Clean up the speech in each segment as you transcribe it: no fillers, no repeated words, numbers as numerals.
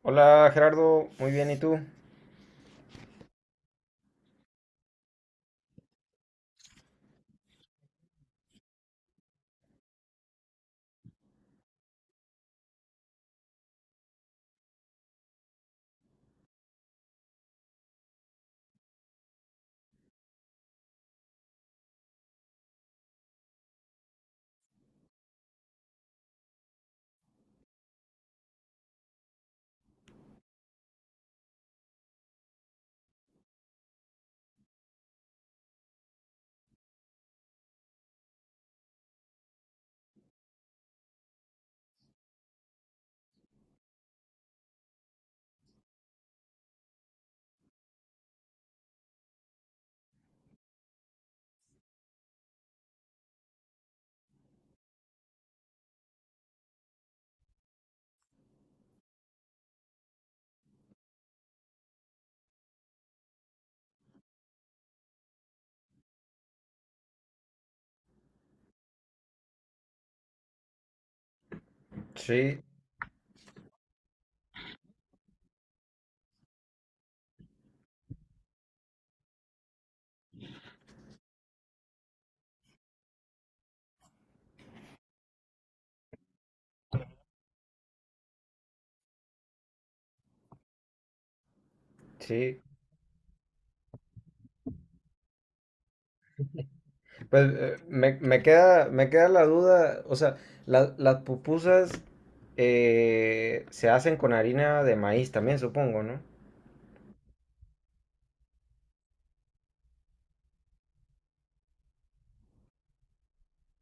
Hola Gerardo, muy bien, ¿y tú? Sí, sí. Pues me queda, me queda la duda, o sea, las pupusas se hacen con harina de maíz también, supongo, ¿no?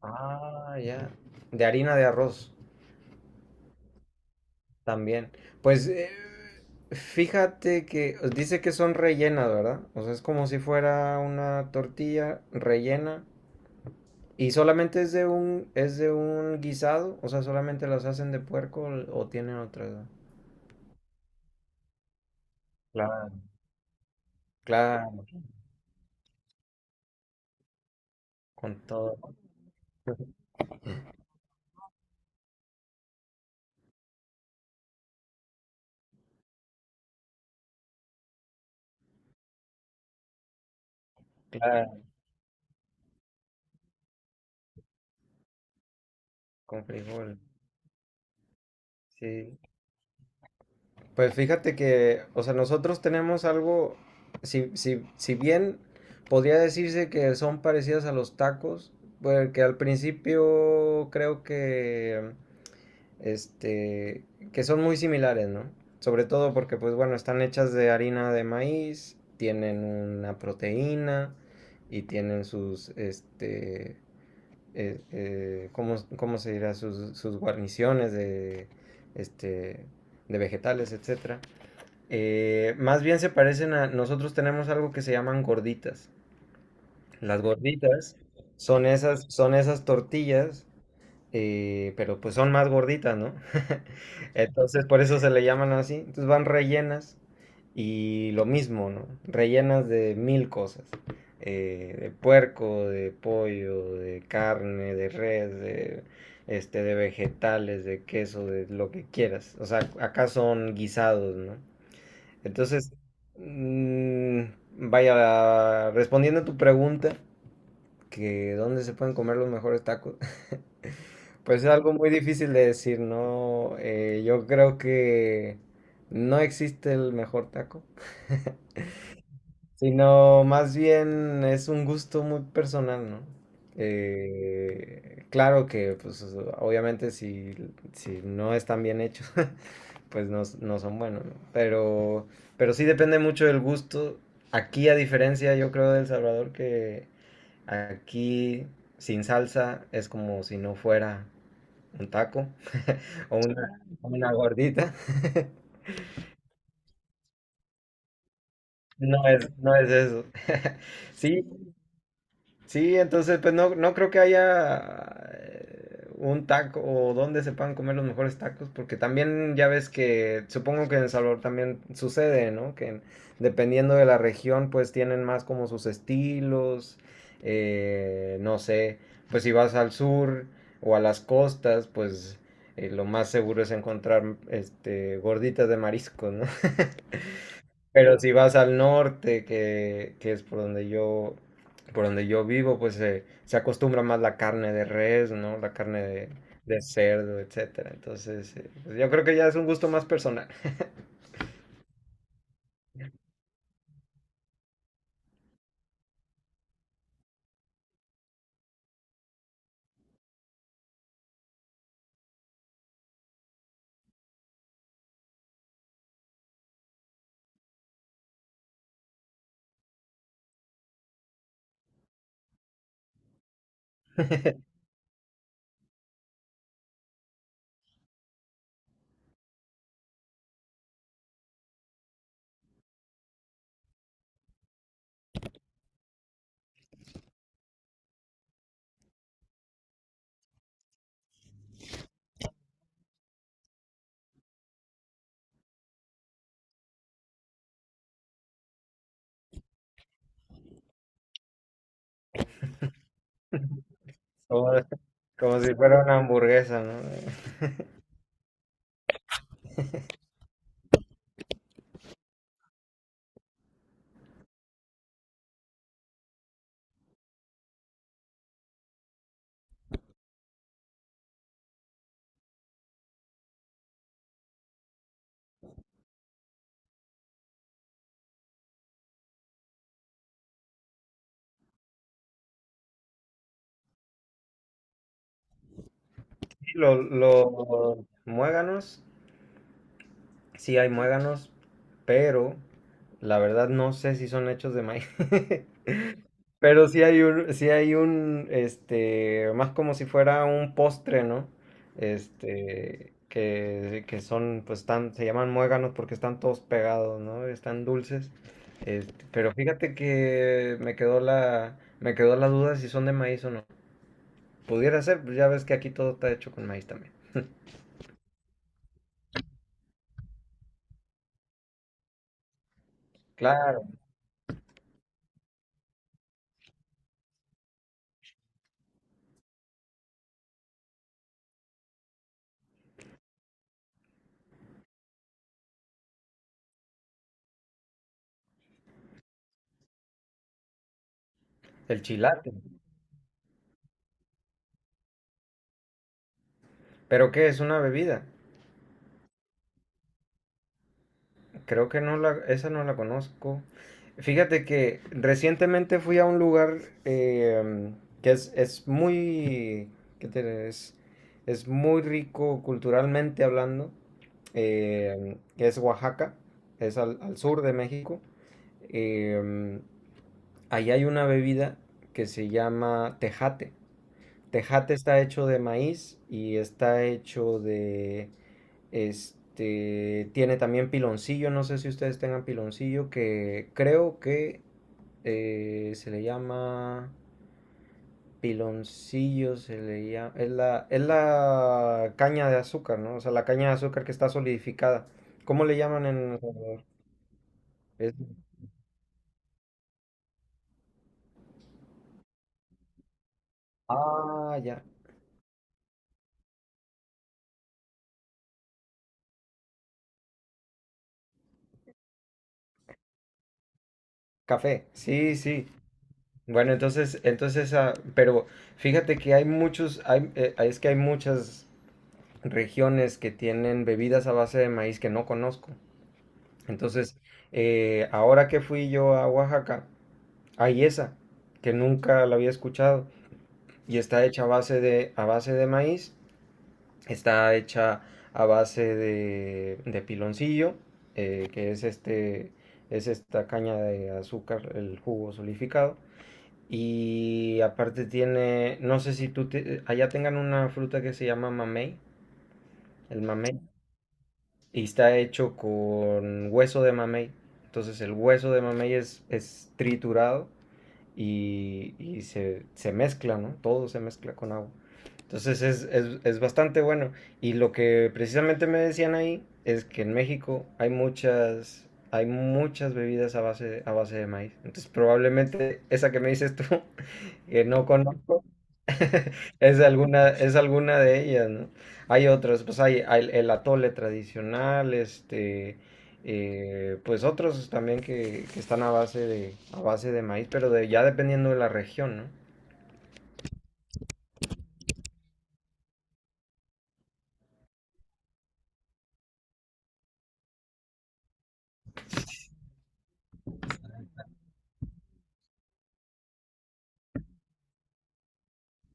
Ah, ya. De harina de arroz también. Pues fíjate que dice que son rellenas, ¿verdad? O sea, es como si fuera una tortilla rellena. ¿Y solamente es de un guisado? O sea, ¿solamente las hacen de puerco o tienen otra? Claro, claro, con todo, claro, con frijol. Sí. Pues fíjate que, o sea, nosotros tenemos algo, si bien podría decirse que son parecidas a los tacos, porque al principio creo que este, que son muy similares, ¿no? Sobre todo porque, pues bueno, están hechas de harina de maíz, tienen una proteína y tienen sus, ¿cómo, cómo se dirá? Sus, sus guarniciones de, este, de vegetales, etcétera. Más bien se parecen a, nosotros tenemos algo que se llaman gorditas. Las gorditas son esas tortillas, pero pues son más gorditas, ¿no? Entonces por eso se le llaman así. Entonces van rellenas y lo mismo, ¿no? Rellenas de mil cosas, de puerco, de pollo, de carne, de res, de, de vegetales, de queso, de lo que quieras. O sea, acá son guisados, ¿no? Entonces, mm, vaya, respondiendo a tu pregunta, que dónde se pueden comer los mejores tacos. Pues es algo muy difícil de decir, ¿no? Yo creo que no existe el mejor taco, sino más bien es un gusto muy personal, ¿no? Claro que, pues, obviamente si, si no están bien hechos, pues no, no son buenos, ¿no? Pero sí depende mucho del gusto. Aquí, a diferencia, yo creo, de El Salvador, que aquí sin salsa es como si no fuera un taco o una gordita. No es, no es eso. Sí, sí, entonces pues no, no creo que haya un taco o donde se puedan comer los mejores tacos, porque también ya ves que supongo que en El Salvador también sucede, ¿no? Que en- dependiendo de la región pues tienen más como sus estilos, no sé, pues si vas al sur o a las costas pues lo más seguro es encontrar este gorditas de marisco, ¿no? Pero si vas al norte, que es por donde yo vivo, pues se acostumbra más la carne de res, ¿no? La carne de cerdo, etcétera. Entonces, pues yo creo que ya es un gusto más personal. Como, como si fuera una hamburguesa, ¿no? Y lo muéganos. Sí hay muéganos, pero la verdad no sé si son hechos de maíz. Pero sí hay un, más como si fuera un postre, ¿no? Este, que son, pues están, se llaman muéganos porque están todos pegados, ¿no? Están dulces. Este, pero fíjate que me quedó la duda si son de maíz o no. Pudiera ser, pues ya ves que aquí todo está hecho con maíz también. Claro, el chilate. ¿Pero qué es una bebida? Creo que no la, esa no la conozco. Fíjate que recientemente fui a un lugar, eh, que es muy, ¿qué te diré? Es muy rico culturalmente hablando, que es Oaxaca, es al, al sur de México. Eh, Ahí hay una bebida que se llama tejate. Tejate está hecho de maíz y está hecho de tiene también piloncillo, no sé si ustedes tengan piloncillo, que creo que se le llama piloncillo, se le llama, es la caña de azúcar, ¿no? O sea, la caña de azúcar que está solidificada. ¿Cómo le llaman en El Salvador? Es- ah, ya, café. Sí, sí. Bueno, entonces, entonces, ah, pero fíjate que hay muchos, hay, es que hay muchas regiones que tienen bebidas a base de maíz que no conozco. Entonces, ahora que fui yo a Oaxaca, hay esa que nunca la había escuchado y está hecha a base de maíz, está hecha a base de piloncillo, que es este, es esta caña de azúcar, el jugo solidificado. Y aparte tiene, no sé si tú te- allá tengan una fruta que se llama mamey, el mamey. Y está hecho con hueso de mamey. Entonces el hueso de mamey es triturado y se mezcla, ¿no? Todo se mezcla con agua. Entonces es bastante bueno. Y lo que precisamente me decían ahí es que en México hay muchas bebidas a base de maíz. Entonces probablemente esa que me dices tú, que no conozco, es alguna, es alguna de ellas, ¿no? Hay otras, pues hay el atole tradicional, pues otros también que están a base de maíz, pero de, ya dependiendo de la región, ¿no?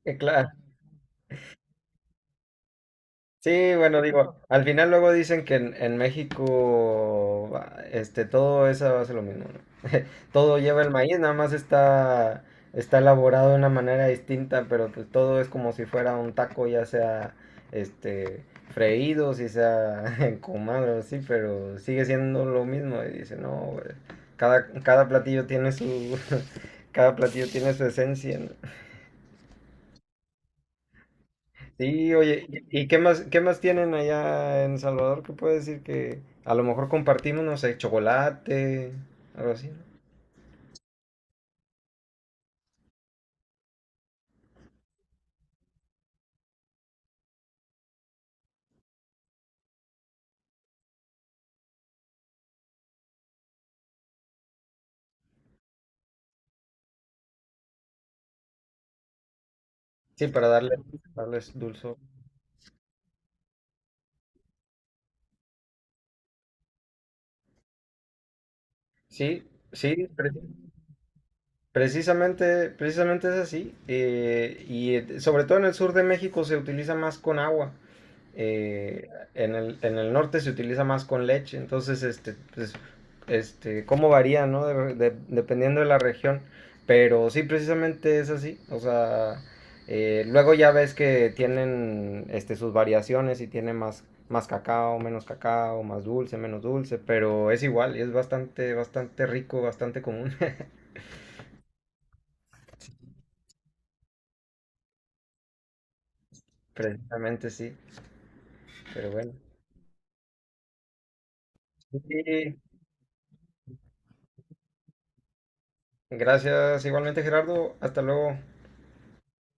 Claro. Sí, bueno, digo, al final luego dicen que en México, ah, todo eso hace lo mismo, ¿no? Todo lleva el maíz, nada más está, está elaborado de una manera distinta, pero pues todo es como si fuera un taco, ya sea, este, freído, si sea encumado, así, pero sigue siendo lo mismo. Y dice, no, güey, cada, cada platillo tiene su, cada platillo tiene su esencia, ¿no? Sí, oye, y qué más tienen allá en Salvador? ¿Qué puede decir que a lo mejor compartimos, no sé, chocolate, algo así, ¿no? Sí, para darle, darles dulzor. Sí, sí, pero- precisamente, precisamente es así. Y sobre todo en el sur de México se utiliza más con agua. eh, en el, en el norte se utiliza más con leche. Entonces, pues, cómo varía, ¿no? De- dependiendo de la región. Pero sí, precisamente es así. O sea, luego ya ves que tienen este, sus variaciones y tiene más, más cacao, menos cacao, más dulce, menos dulce. Pero es igual, es bastante, bastante rico, bastante común. Precisamente sí, pero bueno. Sí, gracias igualmente Gerardo, hasta luego.